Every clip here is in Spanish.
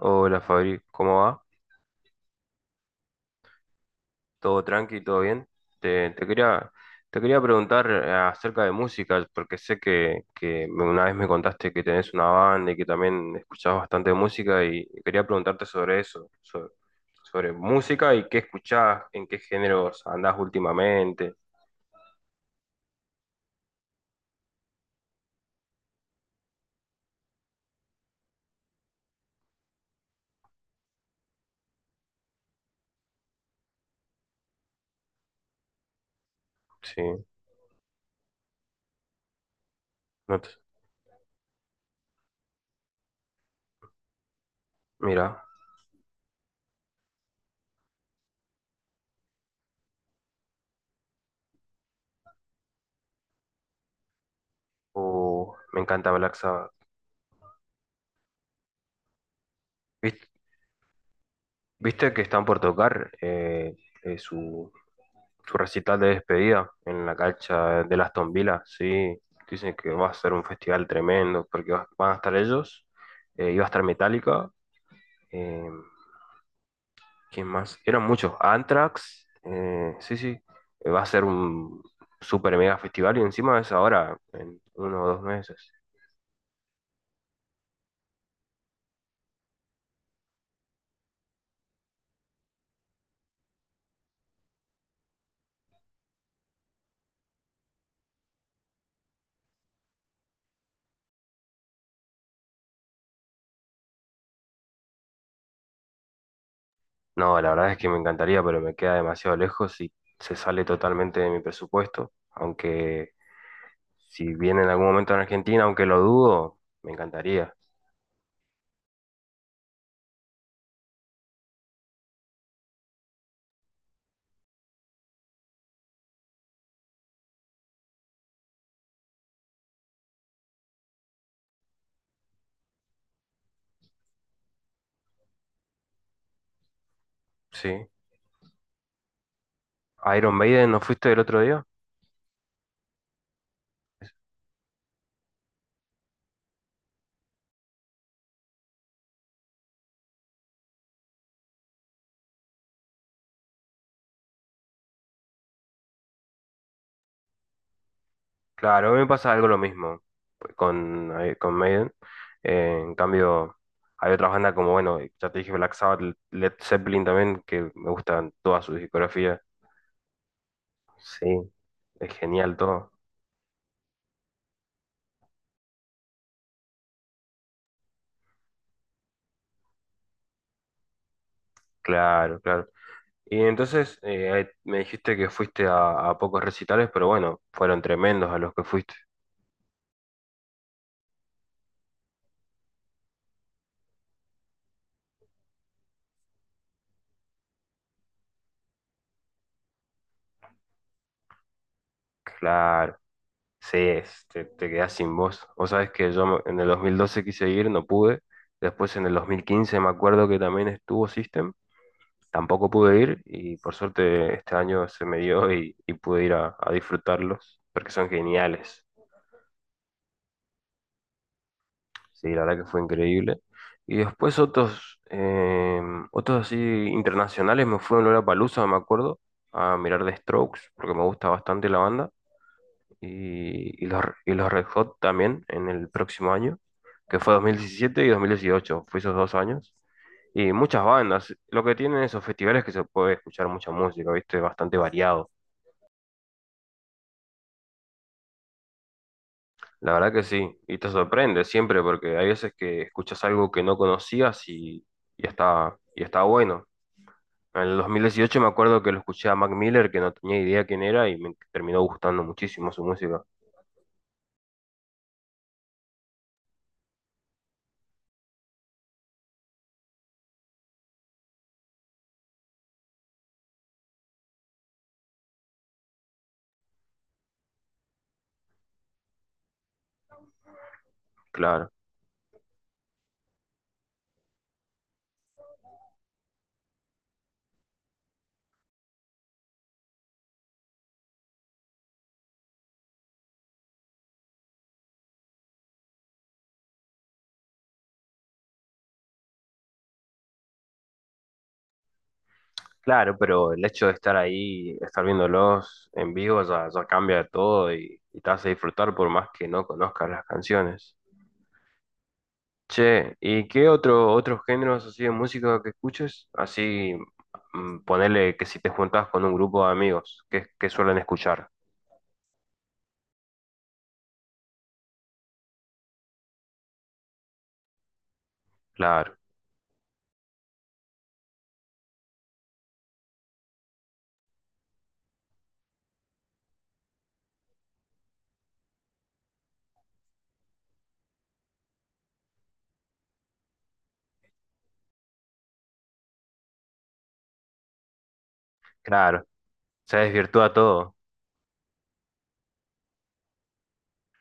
Hola Fabri, ¿cómo va? ¿Todo tranqui? ¿Todo bien? Te, te quería, te quería preguntar acerca de música, porque sé que una vez me contaste que tenés una banda y que también escuchás bastante música y quería preguntarte sobre eso, sobre música y qué escuchás, en qué géneros andás últimamente. Sí, no te- mira, me encanta Black Sabbath. ¿Viste, viste que están por tocar eh, su, su recital de despedida en la cancha de Aston Villa, sí. Dicen que va a ser un festival tremendo, porque van a estar ellos, iba a estar Metallica, eh, ¿quién más? Eran muchos, Anthrax, sí, sí. Va a ser un super mega festival y encima es ahora, en uno o dos meses. No, la verdad es que me encantaría, pero me queda demasiado lejos y se sale totalmente de mi presupuesto, aunque si viene en algún momento en Argentina, aunque lo dudo, me encantaría, sí. Iron Maiden, ¿no fuiste el otro día? Claro, me pasa algo lo mismo pues, con Maiden. En cambio, hay otras bandas como, bueno, ya te dije Black Sabbath, Led Zeppelin también, que me gustan todas sus discografías. Sí, es genial todo. Claro, claro. Y entonces ahí me dijiste que fuiste a pocos recitales, pero bueno, fueron tremendos a los que fuiste. Claro. Sí, te quedás sin voz. Vos sabés que yo en el 2012 quise ir, no pude. Después en el 2015 me acuerdo que también estuvo System, tampoco pude ir y por suerte este año se me dio y pude ir a disfrutarlos porque son geniales. Sí, la verdad que fue increíble. Y después otros así internacionales me fui a Lollapalooza, me acuerdo, a mirar The Strokes porque me gusta bastante la banda. Y los Red Hot también en el próximo año, que fue 2017 y 2018, fue esos dos años. Y muchas bandas, lo que tienen esos festivales es que se puede escuchar mucha música, ¿viste? Bastante variado. La verdad que sí, y te sorprende siempre porque hay veces que escuchas algo que no conocías y está bueno. En el 2018 me acuerdo que lo escuché a Mac Miller, que no tenía idea quién era, y me terminó gustando muchísimo su música. Claro. Claro, pero el hecho de estar ahí, estar viéndolos en vivo, ya, ya cambia todo y te hace disfrutar por más que no conozcas las canciones. Che, ¿y qué otros géneros así de música que escuches? Así, ponele que si te juntás con un grupo de amigos, ¿qué suelen escuchar? Claro, claro. Se desvirtúa todo,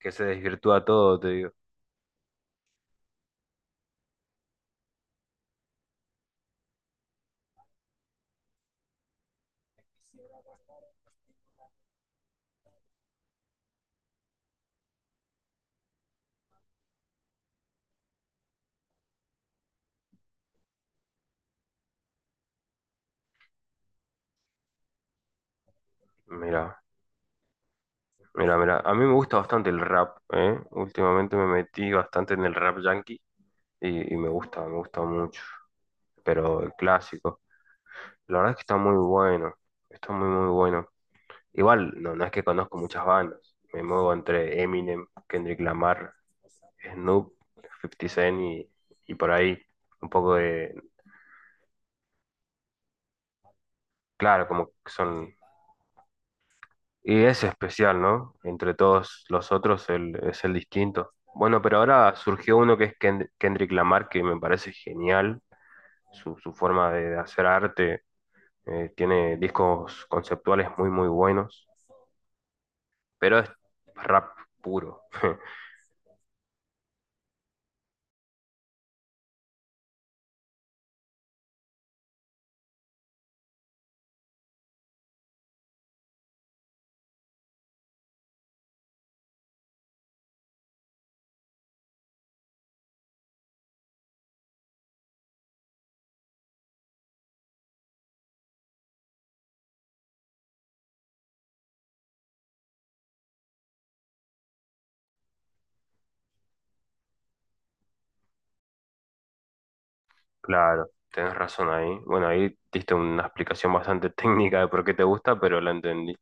que se desvirtúa todo, te digo. Mira, mira, mira. A mí me gusta bastante el rap, ¿eh? Últimamente me metí bastante en el rap yankee y me gusta mucho. Pero el clásico. La verdad es que está muy bueno, está muy, muy bueno. Igual, no, no es que conozco muchas bandas, me muevo entre Eminem, Kendrick Lamar, Snoop, Fifty Cent y por ahí un poco de, claro, como que son. Y es especial, ¿no? Entre todos los otros el, es el distinto. Bueno, pero ahora surgió uno que es Kendrick Lamar, que me parece genial, su forma de hacer arte, tiene discos conceptuales muy, muy buenos. Pero es rap puro. Claro, tenés razón ahí. Bueno, ahí diste una explicación bastante técnica de por qué te gusta, pero la entendí.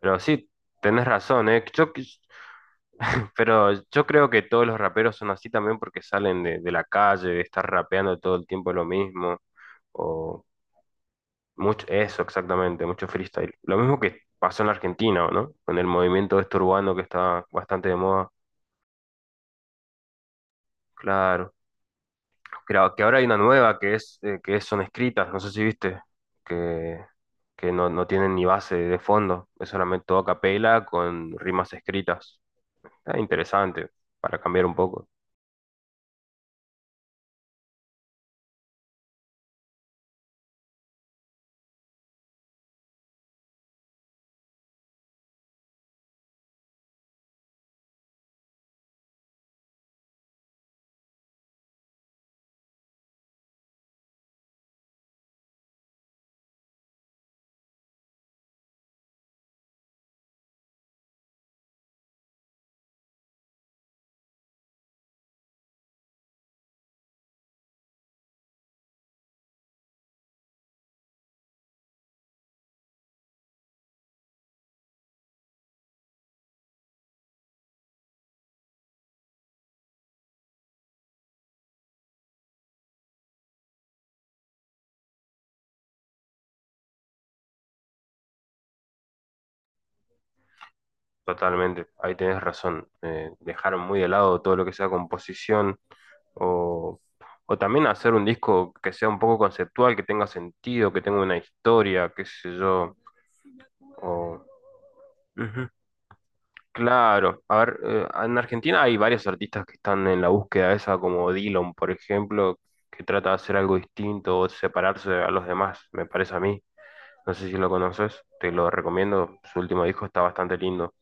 Pero sí, tenés razón, ¿eh? Yo, pero yo creo que todos los raperos son así también porque salen de la calle, de estar rapeando todo el tiempo lo mismo, o mucho, eso exactamente, mucho freestyle. Lo mismo que pasó en la Argentina, ¿no? Con el movimiento este urbano que está bastante de moda. Claro. Creo que ahora hay una nueva que son escritas, no sé si viste, que, que no, no tienen ni base de fondo, es solamente todo a capela con rimas escritas. Está interesante para cambiar un poco, totalmente. Ahí tenés razón. Dejaron muy de lado todo lo que sea composición o, o también hacer un disco que sea un poco conceptual, que tenga sentido, que tenga una historia, qué sé yo. O, Ujú. Claro, a ver, en Argentina hay varios artistas que están en la búsqueda esa, como Dillon, por ejemplo, que trata de hacer algo distinto o separarse a los demás, me parece a mí. No sé si lo conoces, te lo recomiendo. Su último disco está bastante lindo.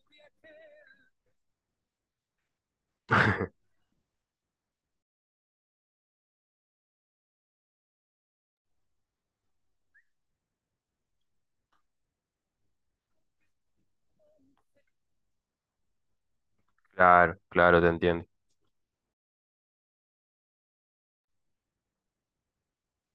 Claro, claro, te entiendo.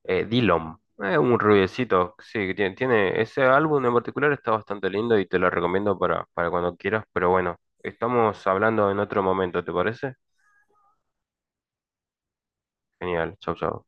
Dillon, es un rubiecito, sí, ese álbum en particular está bastante lindo y te lo recomiendo para cuando quieras, pero bueno, estamos hablando en otro momento, ¿te parece? Genial, chau, chau.